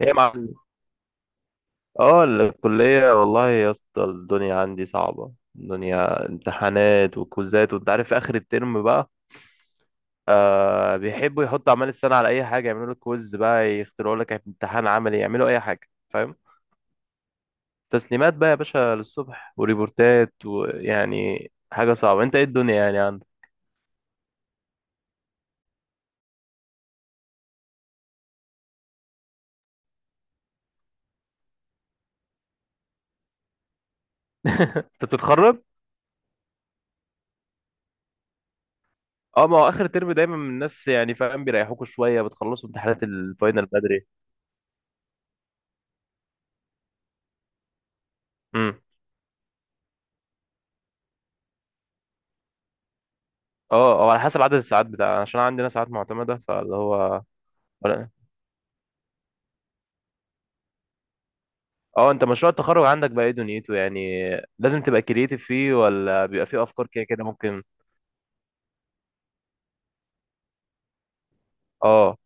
هي مع اه الكلية. والله يا اسطى الدنيا عندي صعبة، الدنيا امتحانات وكوزات وانت عارف في اخر الترم بقى. بيحبوا يحطوا اعمال السنة على اي حاجة، يعملوا لك كويز بقى، يخترعوا لك امتحان عملي، يعملوا اي حاجة فاهم. تسليمات بقى يا باشا للصبح وريبورتات ويعني حاجة صعبة، انت ايه الدنيا يعني عندك؟ انت بتتخرج؟ اه ما هو اخر ترم دايما الناس يعني فاهم بيريحوكوا شوية، بتخلصوا امتحانات الفاينل بدري. اه هو على حسب عدد الساعات بتاع، عشان عندنا ساعات معتمدة فاللي هو ولا- اه. انت مشروع التخرج عندك بقى ايه دنيته يعني؟ لازم تبقى كرييتيف فيه ولا بيبقى فيه افكار كده كده ممكن؟ اه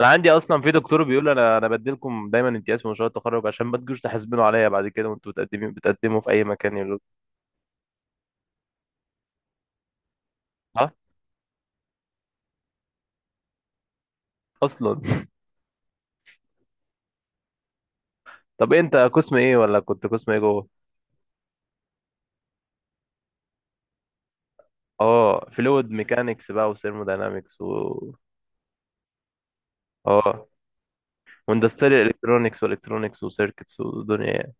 انا عندي اصلا في دكتور بيقول انا بديلكم دايما امتياز في مشروع التخرج عشان ما تجوش تحاسبنوا عليا بعد كده، وانتوا بتقدموا في اي مكان، يقول. ها. اصلا طب إيه، انت قسم ايه ولا كنت قسم ايه جوه؟ اه فلويد ميكانكس بقى وثيرموداينامكس و اه واندستريال الكترونكس والكترونكس وسيركتس ودنيا.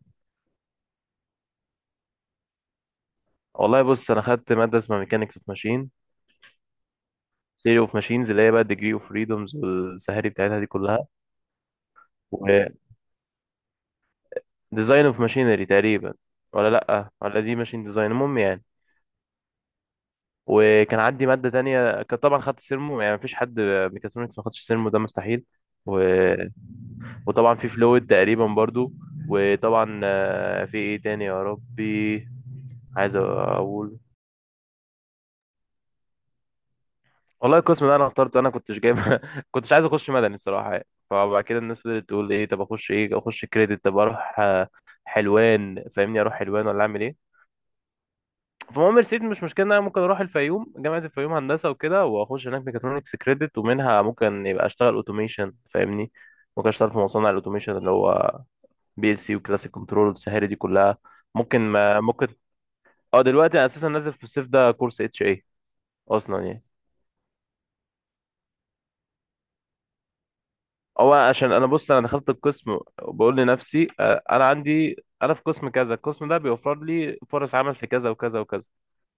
والله بص انا خدت ماده اسمها ميكانكس اوف ماشين، ثيوري اوف ماشينز اللي هي بقى الديجري اوف فريدومز والسهاري بتاعتها دي كلها، وديزاين اوف ماشينري تقريبا. ولا لا، ولا دي ماشين ديزاين المهم يعني. وكان عندي ماده تانية، كان طبعا خدت سيرمو، يعني مفيش حد ميكاترونكس ما خدش سيرمو، ده مستحيل. و... وطبعا في فلويد تقريبا برضو. وطبعا في ايه تاني يا ربي. عايز اقول. والله القسم ده انا اخترته، انا كنتش جايب. كنتش عايز اخش مدني الصراحه يعني، فبعد كده الناس بدات تقول ايه، طب اخش ايه، اخش كريدت، طب اروح حلوان فاهمني، اروح حلوان ولا اعمل ايه. فالمهم رسيت مش مشكله ان انا ممكن اروح الفيوم، جامعه الفيوم هندسه وكده، واخش هناك ميكاترونكس كريدت، ومنها ممكن يبقى اشتغل اوتوميشن فاهمني. ممكن اشتغل في مصانع الاوتوميشن اللي هو بي ال سي وكلاسيك كنترول والسهاري دي كلها. ممكن ما ممكن. اه دلوقتي انا اساسا نازل في الصيف ده كورس اتش اي اصلا يعني. هو عشان انا بص انا دخلت القسم وبقول لنفسي انا عندي، انا في قسم كذا، القسم ده بيوفر لي فرص عمل في كذا وكذا وكذا.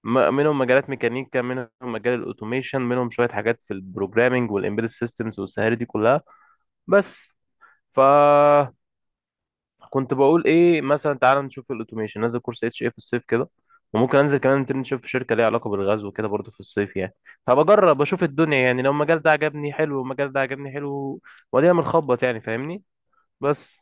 منهم مجالات ميكانيكا، منهم مجال الاوتوميشن، منهم شويه حاجات في البروجرامينج والامبيدد سيستمز والسهاري دي كلها. بس ف كنت بقول ايه، مثلا تعال نشوف الاوتوميشن، نازل كورس اتش ايه في الصيف كده، وممكن انزل كمان انترنشيب في شركه ليها علاقه بالغزو وكده برضه في الصيف يعني، فبجرب اشوف الدنيا يعني. لو المجال ده عجبني حلو والمجال ده عجبني حلو، ودينا بنخبط يعني فاهمني. بس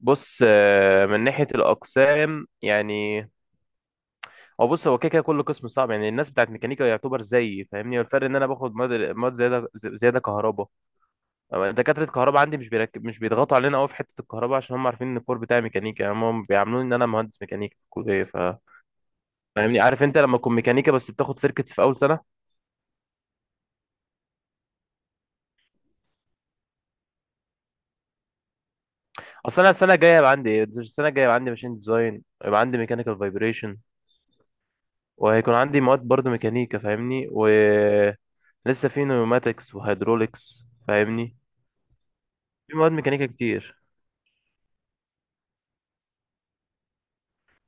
بص من ناحية الأقسام يعني، هو بص هو كده كده كل قسم صعب يعني، الناس بتاعت ميكانيكا يعتبر زيي فاهمني، والفرق إن أنا باخد مواد، مواد زيادة، زيادة كهرباء. أما دكاترة الكهرباء عندي مش مش بيضغطوا علينا قوي في حتة الكهرباء عشان هم عارفين إن الكور بتاعي ميكانيكا، يعني هم بيعاملوني إن أنا مهندس ميكانيكا في الكلية. ف فاهمني عارف أنت لما تكون ميكانيكا بس بتاخد سيركتس في أول سنة. أصل أنا السنة الجاية هيبقى عندي إيه؟ السنة الجاية هيبقى عندي ماشين ديزاين، يبقى عندي ميكانيكال فايبريشن، وهيكون عندي مواد برضو ميكانيكا فاهمني، ولسه في نيوماتكس وهيدروليكس فاهمني، في مواد ميكانيكا كتير.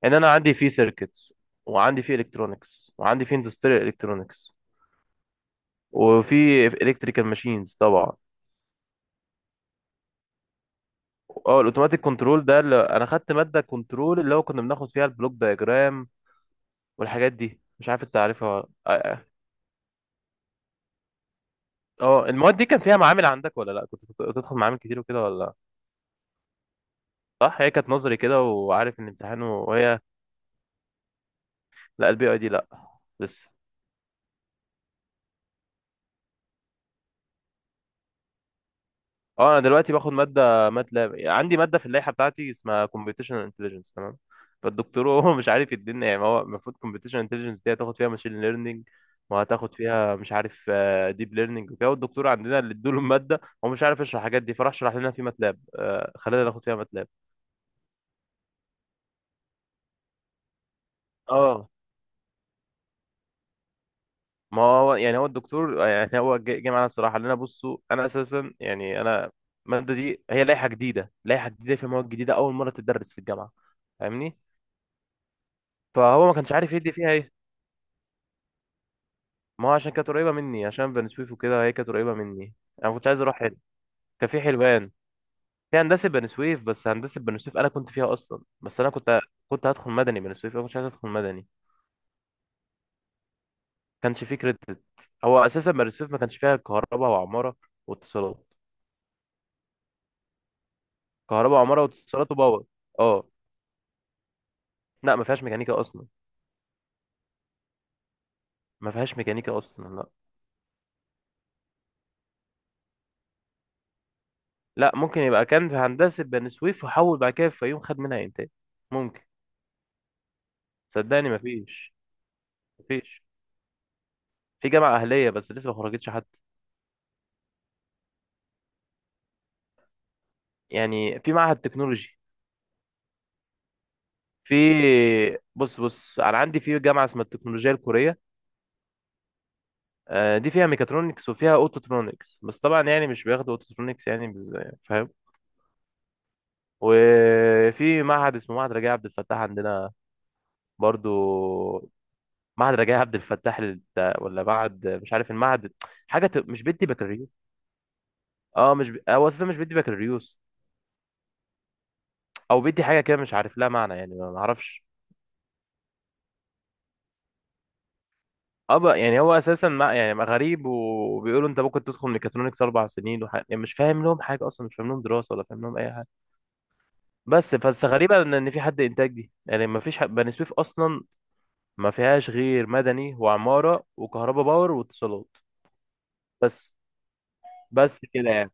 ان انا عندي في سيركتس، وعندي في الكترونكس، وعندي في اندستريال الكترونكس، وفي الكتريكال ماشينز طبعا. اه الاوتوماتيك كنترول ده اللي انا خدت ماده كنترول اللي هو كنا بناخد فيها البلوك دايجرام والحاجات دي، مش عارف انت عارفها ولا- اه. المواد دي كان فيها معامل عندك ولا لا، كنت بتدخل معامل كتير وكده ولا لا؟ صح هي كانت نظري كده، وعارف ان امتحانه وهي. لا البي اي دي لا، لسه. اه انا دلوقتي باخد ماده ماتلاب، عندي ماده في اللائحه بتاعتي اسمها كومبيتيشنال انتليجنس تمام. فالدكتور هو مش عارف يدينا، يعني ما هو المفروض كومبيتيشنال انتليجنس دي هتاخد فيها ماشين ليرنينج، وهتاخد فيها مش عارف ديب ليرنينج وكده، والدكتور عندنا اللي ادوله الماده هو مش عارف يشرح الحاجات دي، فراح شرح لنا في ماتلاب، خلانا ناخد فيها ماتلاب. اه ما هو يعني هو الدكتور يعني هو جه معانا الصراحه، لنا بصوا، انا اساسا يعني انا الماده دي هي لائحه جديده، في مواد جديده اول مره تدرس في الجامعه فاهمني، فهو ما كانش عارف يدي فيها ايه. ما هو عشان كانت قريبه مني، عشان بني سويف وكده هي كانت قريبه مني، انا كنت عايز اروح هنا. كان في حلوان، في هندسه بني سويف، بس هندسه بني سويف انا كنت فيها اصلا، بس انا كنت، كنت هدخل مدني بني سويف، انا كنتش عايز ادخل مدني، ما كانش في كريدت. هو اساسا بني سويف ما كانش فيها كهرباء وعماره واتصالات، كهرباء وعماره واتصالات وباور. اه. لا ما فيهاش ميكانيكا اصلا. ما فيهاش ميكانيكا اصلا لا. لا ممكن يبقى كان في هندسه بني سويف وحول بعد كده في الفيوم، خد منها انتاج. ممكن. صدقني ما فيش. ما فيش. في جامعه اهليه بس لسه ما خرجتش حد. يعني في معهد تكنولوجي. في بص بص انا عندي في جامعه اسمها التكنولوجيا الكوريه، دي فيها ميكاترونكس وفيها اوتوترونكس، بس طبعا يعني مش بياخدوا اوتوترونكس يعني فاهم. وفي معهد اسمه معهد رجاء عبد الفتاح عندنا برضو، معهد رجاء عبد الفتاح ولا معهد مش عارف المعهد، حاجه مش بيدي بكالوريوس، اه مش هو اساسا مش بيدي بكالوريوس، او بيدي حاجه كده مش عارف لها معنى يعني، ما ما اعرفش. اه بقى يعني هو اساسا ما يعني ما غريب، وبيقولوا انت ممكن تدخل ميكاترونكس اربع سنين يعني مش فاهم لهم حاجه اصلا، مش فاهم لهم دراسه، ولا فاهم لهم اي حاجه. بس بس غريبه ان إن في حد انتاج دي يعني، ما فيش بني سويف اصلا ما فيهاش غير مدني وعماره وكهرباء باور واتصالات بس. بس كده يعني.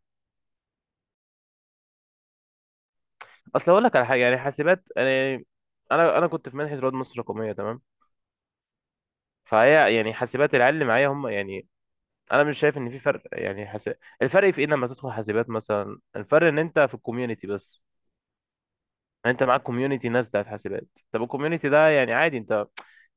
اصل اقول لك على حاجه يعني حاسبات، انا انا كنت في منحه رواد مصر الرقميه تمام. فهي يعني حاسبات العيال اللي معايا هم يعني، انا مش شايف ان في فرق يعني الفرق في ايه لما تدخل حاسبات مثلا؟ الفرق ان انت في الكوميونتي بس، يعني انت معاك كوميونتي ناس بتاعت حاسبات. طب الكوميونتي ده يعني عادي انت،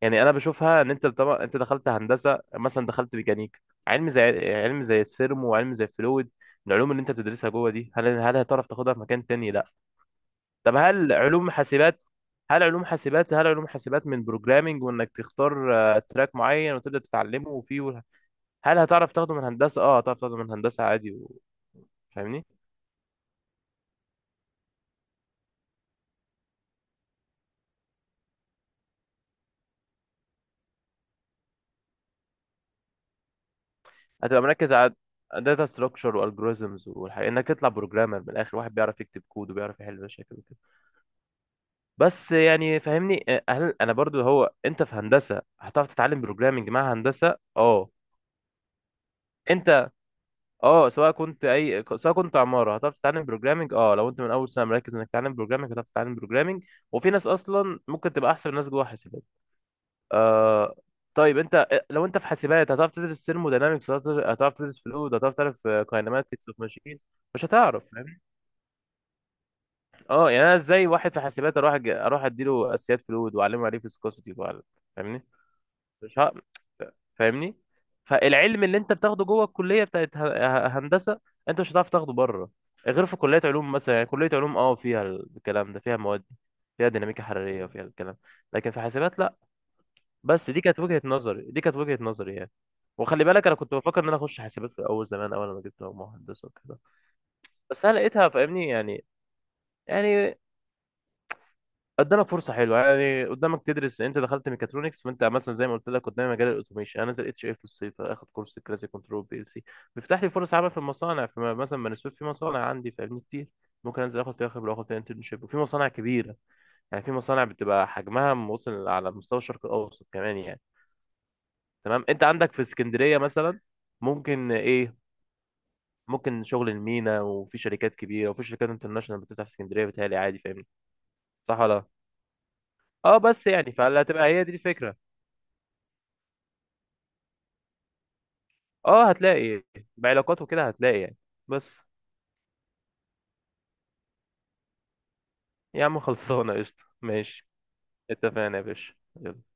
يعني انا بشوفها ان انت طبعا انت دخلت هندسه مثلا، دخلت ميكانيك، علم زي علم زي السيرمو، وعلم زي الفلويد، العلوم اللي انت بتدرسها جوه دي، هل هتعرف تاخدها في مكان تاني؟ لا. طب هل علوم حاسبات هل علوم حاسبات من بروجرامنج، وانك تختار تراك معين وتبدا تتعلمه، وفيه هل هتعرف تاخده من هندسه؟ اه هتعرف تاخده من هندسه عادي. و... فاهمني. هتبقى مركز على داتا ستراكشر والجوريزمز والحاجات، انك تطلع بروجرامر من الاخر، واحد بيعرف يكتب كود وبيعرف يحل مشاكل وكده. بس يعني فاهمني هل انا برضو، هو انت في هندسه هتعرف تتعلم بروجرامنج مع هندسه؟ اه انت اه سواء كنت اي سواء كنت عماره هتعرف تتعلم بروجرامنج. اه لو انت من اول سنه مركز انك تتعلم بروجرامنج هتعرف تتعلم بروجرامنج، وفي ناس اصلا ممكن تبقى احسن الناس جوه حاسبات. آه. طيب انت لو انت في حاسبات هتعرف تدرس ثيرموداينامكس، هتعرف تدرس فلويد، هتعرف كاينماتكس اوف ماشينز؟ مش هتعرف فاهم. اه يعني انا ازاي، واحد في حاسبات اروح اروح اديله اساسيات فلويد، واعلمه يعني ايه فيسكوسيتي فاهمني. مش ه... فاهمني. فالعلم اللي انت بتاخده جوه الكليه بتاعت هندسه، انت مش هتعرف تاخده بره، غير في كليه علوم مثلا يعني، كليه علوم اه فيها الكلام ده، فيها مواد دي، فيها ديناميكا حراريه وفيها الكلام، لكن في حاسبات لا. بس دي كانت وجهه نظري، يعني، وخلي بالك انا كنت بفكر ان انا اخش حاسبات في الاول زمان اول ما جبت مهندس وكده. بس انا لقيتها فاهمني يعني، يعني قدامك فرصه حلوه يعني، قدامك تدرس، انت دخلت ميكاترونكس فانت مثلا زي ما قلت لك قدامي مجال الاوتوميشن، انا نازل اتش اي في الصيف اخد كورس كلاسيك كنترول بي ال سي، بيفتح لي فرص عمل في المصانع، في مثلا بني سويف في مصانع عندي فاهمني كتير. ممكن انزل اخد فيها خبره واخد فيها انترنشيب، وفي مصانع كبيره يعني، في مصانع بتبقى حجمها موصل على مستوى الشرق الاوسط كمان يعني. تمام انت عندك في اسكندريه مثلا، ممكن ايه، ممكن شغل المينا وفي شركات كبيره وفي شركات انترناشونال بتفتح في اسكندريه بتهيألي عادي فاهمني. صح ولا لا؟ اه بس يعني فهتبقى هي دي الفكره. اه هتلاقي بعلاقات وكده هتلاقي يعني. بس. يا عم خلصانة قشطة ماشي. اتفقنا يا باشا. يلا.